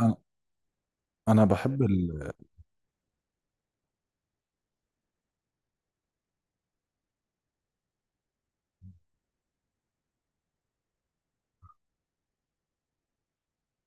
انا انا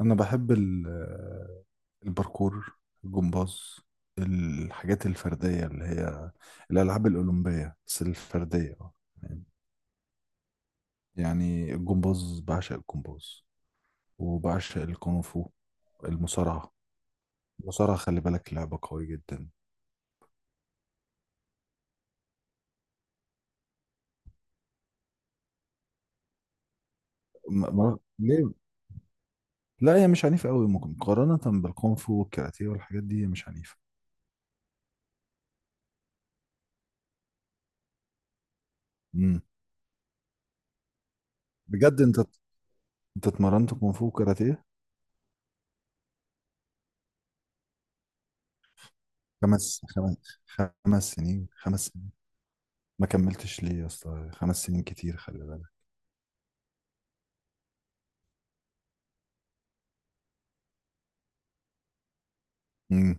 انا بحب ال... الباركور الجمباز، الحاجات الفرديه اللي هي الالعاب الاولمبيه بس الفرديه. اه يعني الجمباز، بعشق الجمباز وبعشق الكونغ فو، المصارعه المصارعه خلي بالك لعبه قويه جدا. ما... ما... ليه؟ لا، هي مش عنيفه قوي، ممكن مقارنه بالكونغ فو والكاراتيه والحاجات دي هي مش عنيفه. امم. بجد انت اتمرنت كونغ فو وكاراتيه؟ خمس، خمس سنين، خمس؟ ما كملتش ليه يا اسطى، 5 سنين كتير، خلي بالك. امم.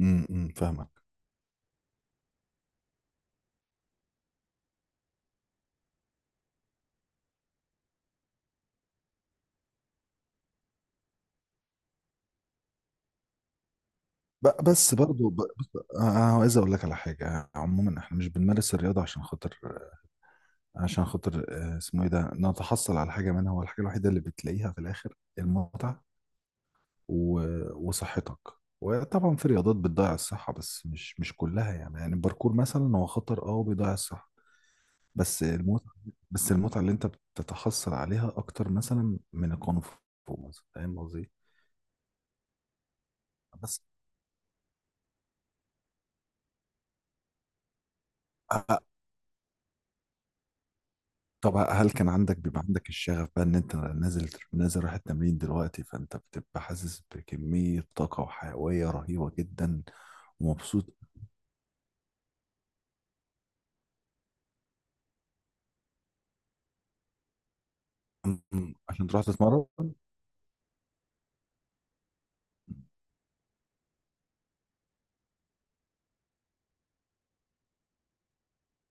أمم، فاهمك. بس برضو، بس انا عايز اقول لك على حاجه. عموما احنا مش بنمارس الرياضه عشان خاطر، اسمه ايه ده، نتحصل على حاجه منها. هو الحاجه الوحيده اللي بتلاقيها في الاخر المتعه و... وصحتك. وطبعا في رياضات بتضيع الصحه، بس مش كلها، يعني الباركور مثلا هو خطر، وبيضيع الصحه، بس المتعه بس المتعه اللي انت بتتحصل عليها اكتر مثلا من الكونغ فو مثلا، فاهم قصدي؟ بس آه، طب هل كان عندك بيبقى عندك الشغف بقى ان انت نازل رايح التمرين دلوقتي، فانت بتبقى حاسس بكمية طاقة وحيوية رهيبة جدا ومبسوط؟ عشان تروح تتمرن؟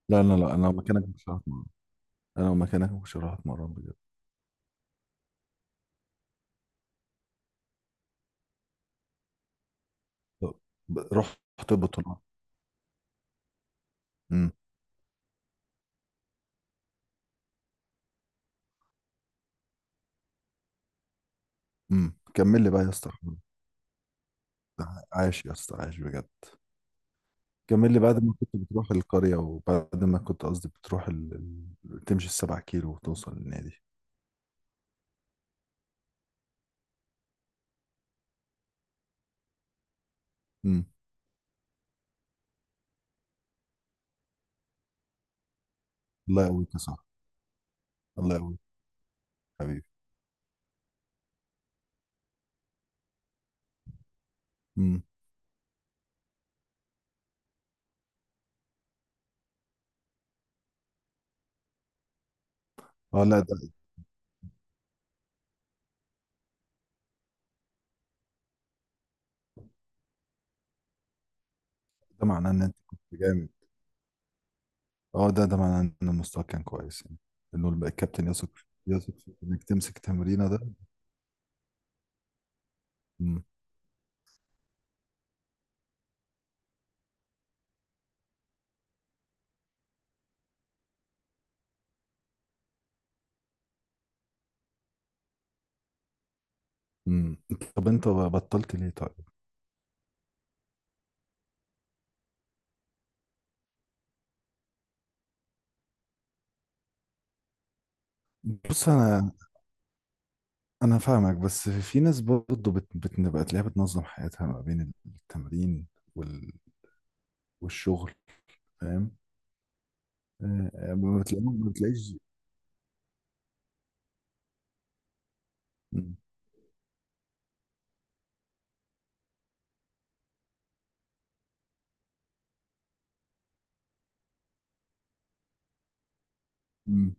لا، لا، لا، انا لو مكانك مش هروح اتمرن. انا لو مكانك مش هروح اتمرن بجد. طب، رحت بطولة؟ امم، امم، كمل لي بقى يا اسطى. عايش يا اسطى، عايش بجد. كمل لي بعد ما كنت بتروح القرية، وبعد ما كنت، قصدي، بتروح تمشي السبع كيلو وتوصل للنادي. امم. الله يقويك يا صاحبي. الله يقويك حبيبي. امم. اه لا، ده معناه ان انت كنت جامد. اه، ده معناه ان المستوى كان كويس يعني، انه الكابتن يثق في انك تمسك تمرينه ده. امم، امم. طب انت بطلت ليه طيب؟ بص انا فاهمك بس في ناس برضه بتبقى تلاقيها بتنظم حياتها ما بين التمرين وال... والشغل، فاهم؟ ما بتلاقيهم، ما بتلاقيش. مم. مم.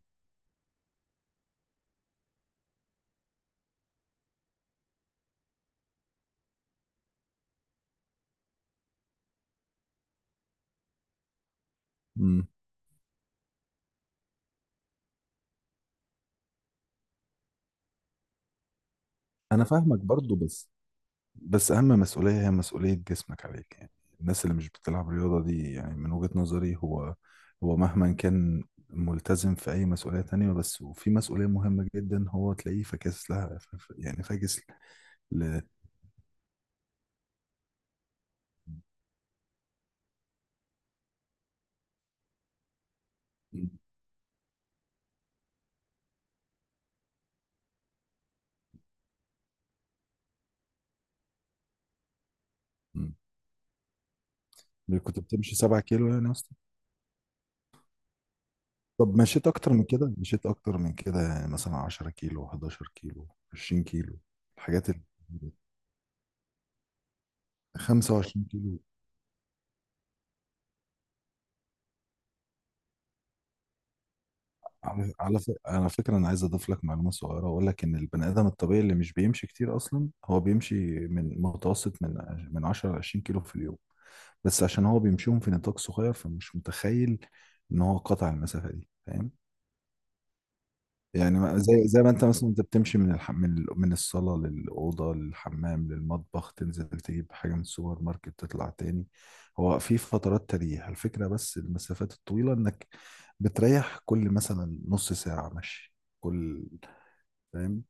مم. انا فاهمك برضه، بس اهم مسؤوليه هي مسؤوليه جسمك عليك، يعني الناس اللي مش بتلعب رياضه دي، يعني من وجهه نظري، هو مهما كان ملتزم في اي مسؤوليه تانية، بس وفي مسؤوليه مهمه جدا هو تلاقيه فاكس لها، يعني فاكس ل. م. كنت بتمشي 7 كيلو يعني يا اسطى. طب مشيت اكتر من كده، يعني مثلا 10 كيلو، 11 كيلو، 20 كيلو؟ الحاجات ال 25 كيلو. على فكرة أنا عايز أضيف لك معلومة صغيرة وأقول لك إن البني آدم الطبيعي اللي مش بيمشي كتير أصلا هو بيمشي من متوسط، من 10 ل 20 كيلو في اليوم. بس عشان هو بيمشيهم في نطاق صغير فمش متخيل إن هو قطع المسافة دي، فاهم؟ يعني زي ما انت، مثلا انت بتمشي من الح... من ال- من الصاله للاوضه للحمام للمطبخ، تنزل تجيب حاجه من السوبر ماركت، تطلع تاني. هو في فترات تريح الفكره، بس المسافات الطويله انك بتريح كل مثلا نص ساعه مشي كل، فاهم؟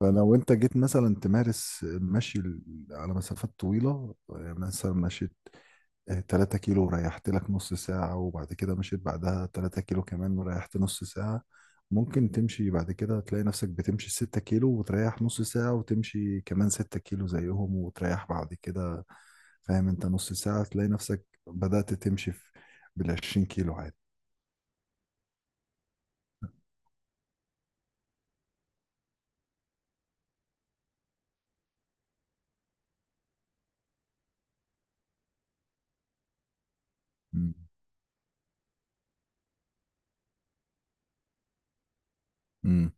فلو انت جيت مثلا تمارس المشي على مسافات طويله، يعني مثلا مشيت 3 كيلو وريحت لك نص ساعة، وبعد كده مشيت بعدها 3 كيلو كمان وريحت نص ساعة، ممكن تمشي بعد كده تلاقي نفسك بتمشي 6 كيلو وتريح نص ساعة، وتمشي كمان 6 كيلو زيهم وتريح بعد كده، فاهم انت؟ نص ساعة تلاقي نفسك بدأت تمشي في بالعشرين كيلو عادي. مم. مم.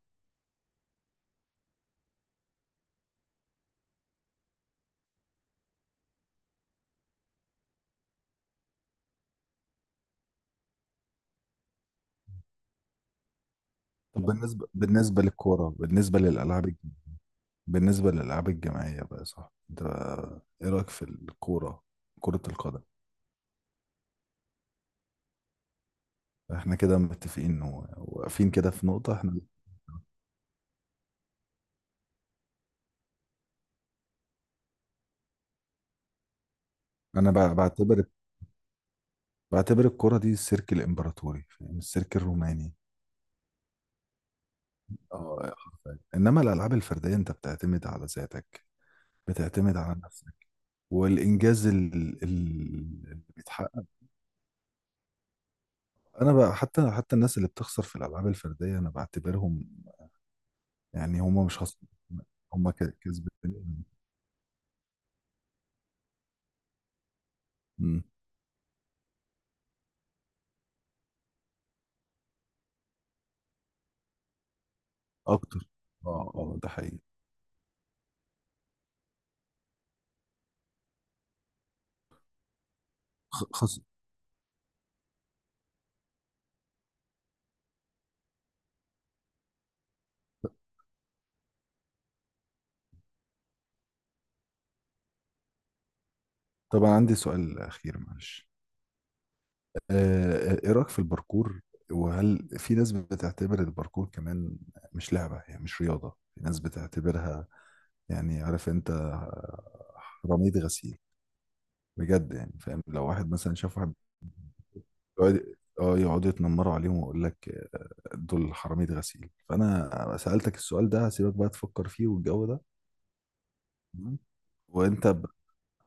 طب بالنسبة للكورة، بالنسبة للألعاب الجماعية بقى، صح؟ انت ايه رأيك في الكورة، كرة القدم؟ احنا كده متفقين واقفين كده في نقطة. احنا انا بعتبر الكرة دي السيرك الامبراطوري فاهم، السيرك الروماني. اه، حرفياً. انما الالعاب الفردية انت بتعتمد على ذاتك، بتعتمد على نفسك، والانجاز ال- اللي بيتحقق. انا بقى، حتى الناس اللي بتخسر في الالعاب الفردية انا بعتبرهم، يعني هم مش خسر، هم كسبانين. أمم، اكتر. اه، اه، ده حقيقي. خ- خس... طبعا عندي سؤال اخير معلش. ايه رأيك في الباركور؟ وهل في ناس بتعتبر الباركور كمان مش لعبة، يعني مش رياضة، في ناس بتعتبرها، يعني عارف انت، رميد غسيل؟ بجد يعني، فاهم؟ لو واحد مثلا شاف واحد بيقعد، اه، يقعدوا يتنمروا عليهم ويقول لك دول حرامية غسيل. فانا سألتك السؤال ده، هسيبك بقى تفكر فيه والجو ده، تمام؟ وانت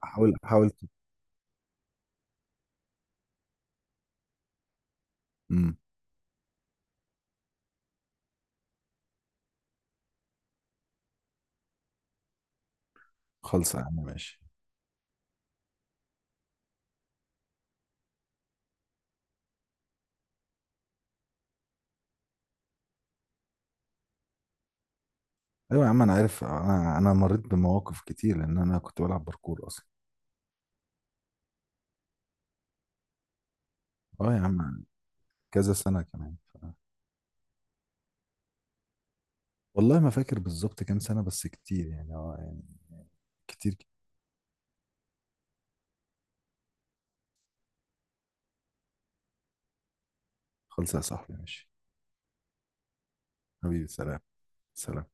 حاول، حاول، مم. خلص يا عم، ماشي. ايوه يا عم انا عارف، انا مريت بمواقف كتير لان انا كنت بلعب باركور اصلا، اه يا عم، كذا سنة كمان. والله ما فاكر بالظبط كام سنة، بس كتير يعني، يعني كتير. خالص يا صاحبي ماشي. حبيبي، سلام. سلام.